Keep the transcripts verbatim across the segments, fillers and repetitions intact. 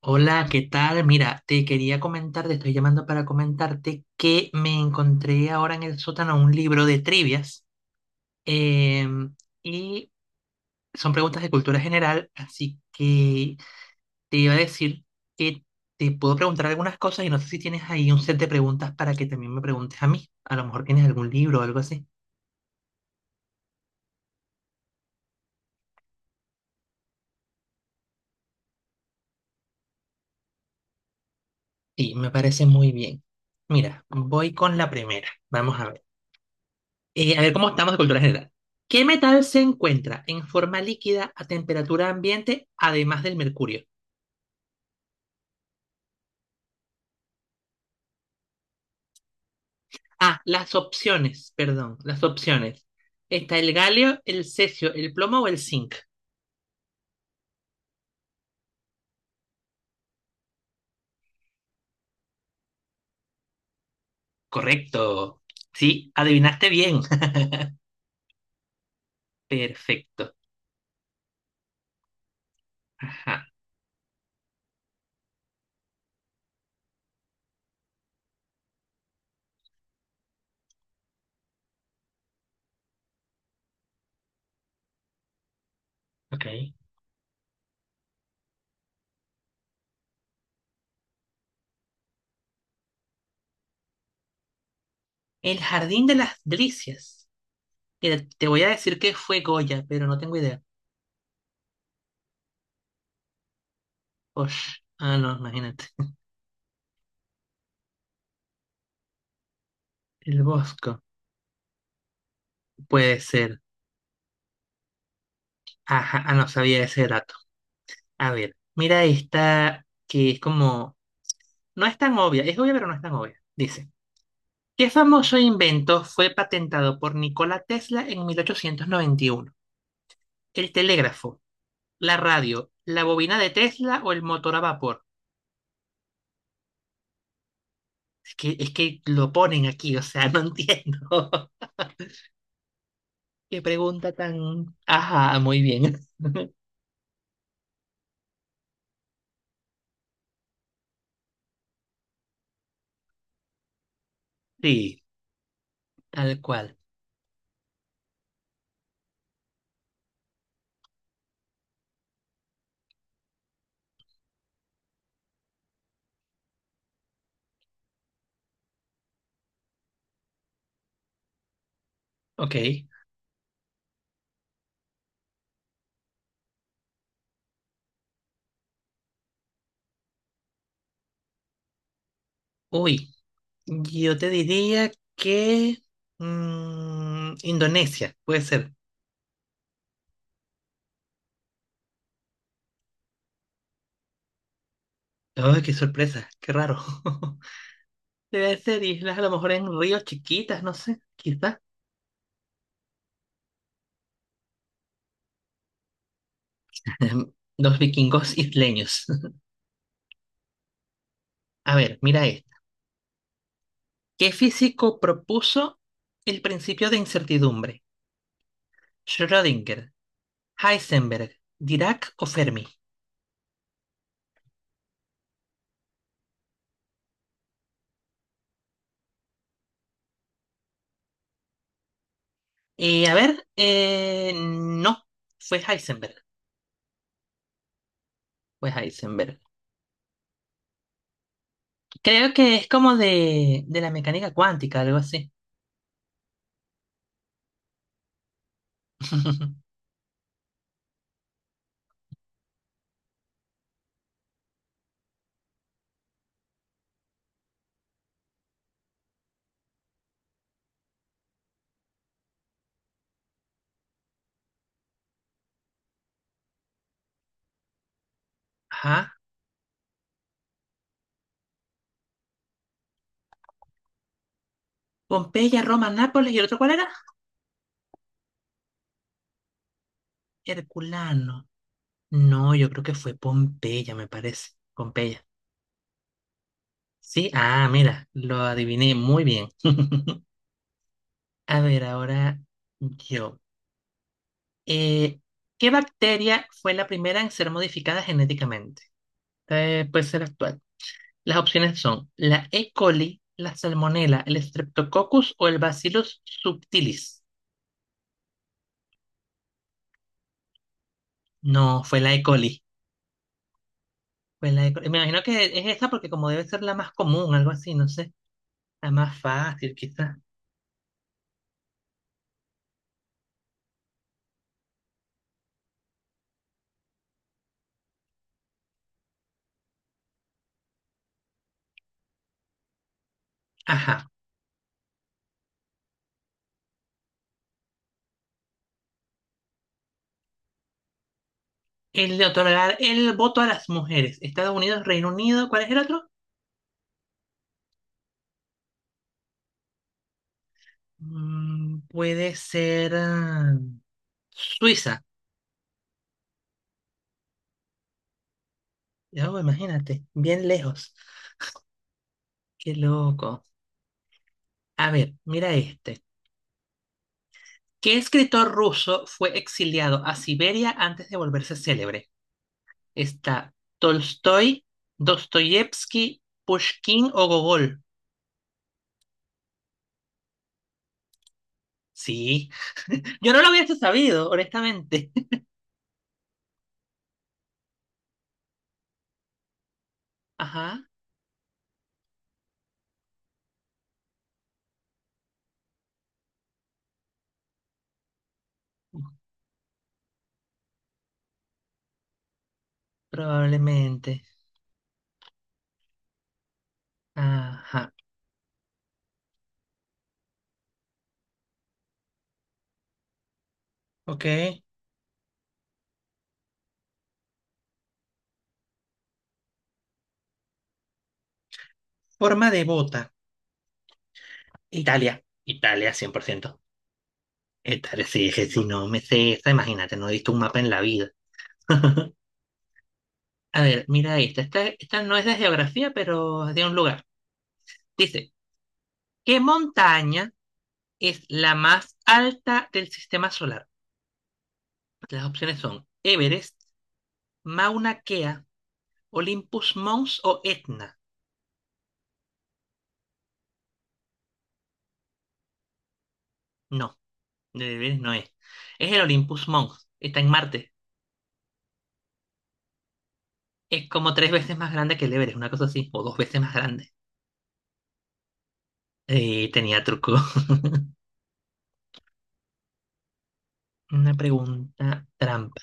Hola, ¿qué tal? Mira, te quería comentar, te estoy llamando para comentarte que me encontré ahora en el sótano un libro de trivias em, y son preguntas de cultura general, así que te iba a decir que te puedo preguntar algunas cosas y no sé si tienes ahí un set de preguntas para que también me preguntes a mí. A lo mejor tienes algún libro o algo así. Sí, me parece muy bien. Mira, voy con la primera. Vamos a ver. Eh, a ver cómo estamos de cultura general. ¿Qué metal se encuentra en forma líquida a temperatura ambiente además del mercurio? Ah, las opciones, perdón, las opciones. Está el galio, el cesio, el plomo o el zinc. Correcto. Sí, adivinaste bien. Perfecto. Ajá, ok. El jardín de las delicias. Mira, te voy a decir que fue Goya, pero no tengo idea. Osh. Ah, no, imagínate. El Bosco. Puede ser. Ajá, ah, no sabía ese dato. A ver, mira esta que es como, no es tan obvia, es obvia pero no es tan obvia. Dice, ¿qué famoso invento fue patentado por Nikola Tesla en mil ochocientos noventa y uno? ¿El telégrafo, la radio, la bobina de Tesla o el motor a vapor? Es que, es que lo ponen aquí, o sea, no entiendo. Qué pregunta tan... Ajá, muy bien. Sí, tal cual. Ok. Uy, yo te diría que... mm, Indonesia, puede ser. Ay, qué sorpresa, qué raro. Debe ser islas a lo mejor en ríos chiquitas, no sé, quizás. Los vikingos isleños. A ver, mira esto. ¿Qué físico propuso el principio de incertidumbre? Schrödinger, Heisenberg, Dirac o Fermi. Eh, a ver, eh, no, fue Heisenberg. Fue Heisenberg. Creo que es como de, de la mecánica cuántica, algo así. Ajá. Pompeya, Roma, Nápoles y el otro, ¿cuál era? Herculano. No, yo creo que fue Pompeya, me parece. Pompeya. Sí, ah, mira, lo adiviné muy bien. A ver, ahora yo. Eh, ¿Qué bacteria fue la primera en ser modificada genéticamente? Eh, puede ser actual. Las opciones son la E. coli, la Salmonella, el Streptococcus o el Bacillus subtilis. No, fue la E. coli. Fue la E. coli. Me imagino que es esa porque como debe ser la más común, algo así, no sé, la más fácil quizás. Ajá. El de otorgar el voto a las mujeres. Estados Unidos, Reino Unido, ¿cuál es el otro? Mm, puede ser ah, Suiza. Ya, oh, imagínate, bien lejos. Qué loco. A ver, mira este. ¿Qué escritor ruso fue exiliado a Siberia antes de volverse célebre? Está Tolstoy, Dostoyevsky, Pushkin o Gogol. Sí. Yo no lo hubiese sabido, honestamente. Ajá. Probablemente. Ajá. Ok. Forma de bota. Italia. Italia, cien por ciento, Italia, sí, dije, si no me sé esta, imagínate, no he visto un mapa en la vida. A ver, mira esta. Esta, esta no es de geografía, pero es de un lugar. Dice, ¿qué montaña es la más alta del sistema solar? Las opciones son Everest, Mauna Kea, Olympus Mons o Etna. No, de Everest no es. Es el Olympus Mons. Está en Marte. Es como tres veces más grande que el Everest, una cosa así, o dos veces más grande. Eh, tenía truco. Una pregunta trampa.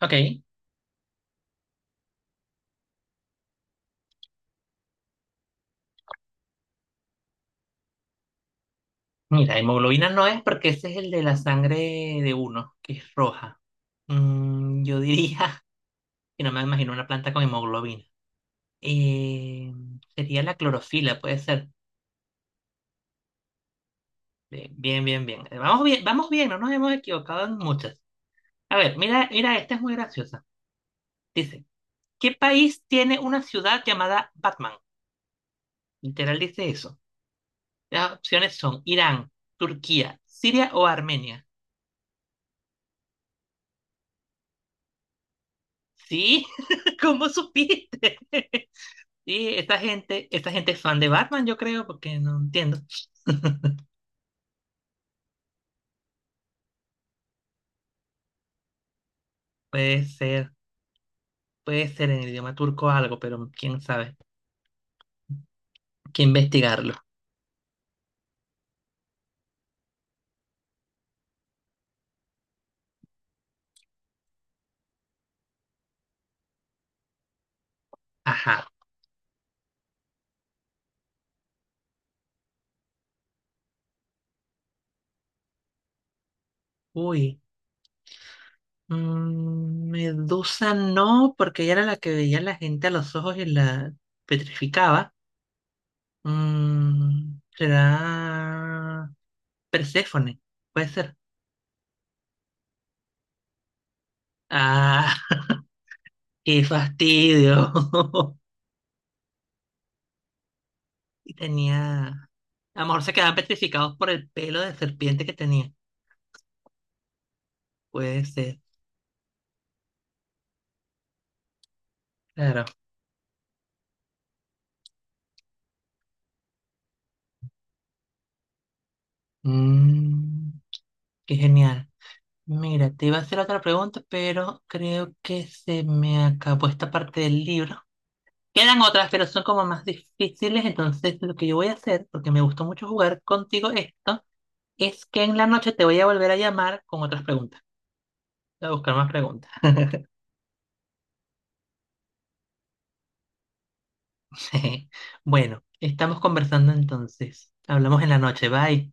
Ok. Mira, hemoglobina no es porque ese es el de la sangre de uno, que es roja. Mm, yo diría que no me imagino una planta con hemoglobina. Eh, Sería la clorofila, puede ser. Eh, Bien, bien, bien. Eh, Vamos bien, vamos bien, no nos hemos equivocado en muchas. A ver, mira, mira, esta es muy graciosa. Dice, ¿qué país tiene una ciudad llamada Batman? Literal dice eso. Las opciones son Irán, Turquía, Siria o Armenia. Sí, ¿cómo supiste? Sí, esta gente, esta gente es fan de Batman, yo creo, porque no entiendo. Puede ser, puede ser en el idioma turco algo, pero quién sabe. Hay que investigarlo. Ajá. Uy. Mm, Medusa no, porque ella era la que veía a la gente a los ojos y la petrificaba. Mm, será Perséfone, puede ser. Ah, qué fastidio. Y tenía. A lo mejor se quedaban petrificados por el pelo de serpiente que tenía. Puede ser. Claro. Mm, qué genial. Mira, te iba a hacer otra pregunta, pero creo que se me acabó esta parte del libro. Quedan otras, pero son como más difíciles. Entonces, lo que yo voy a hacer, porque me gustó mucho jugar contigo esto, es que en la noche te voy a volver a llamar con otras preguntas. Voy a buscar más preguntas. Sí. Bueno, estamos conversando entonces. Hablamos en la noche. Bye.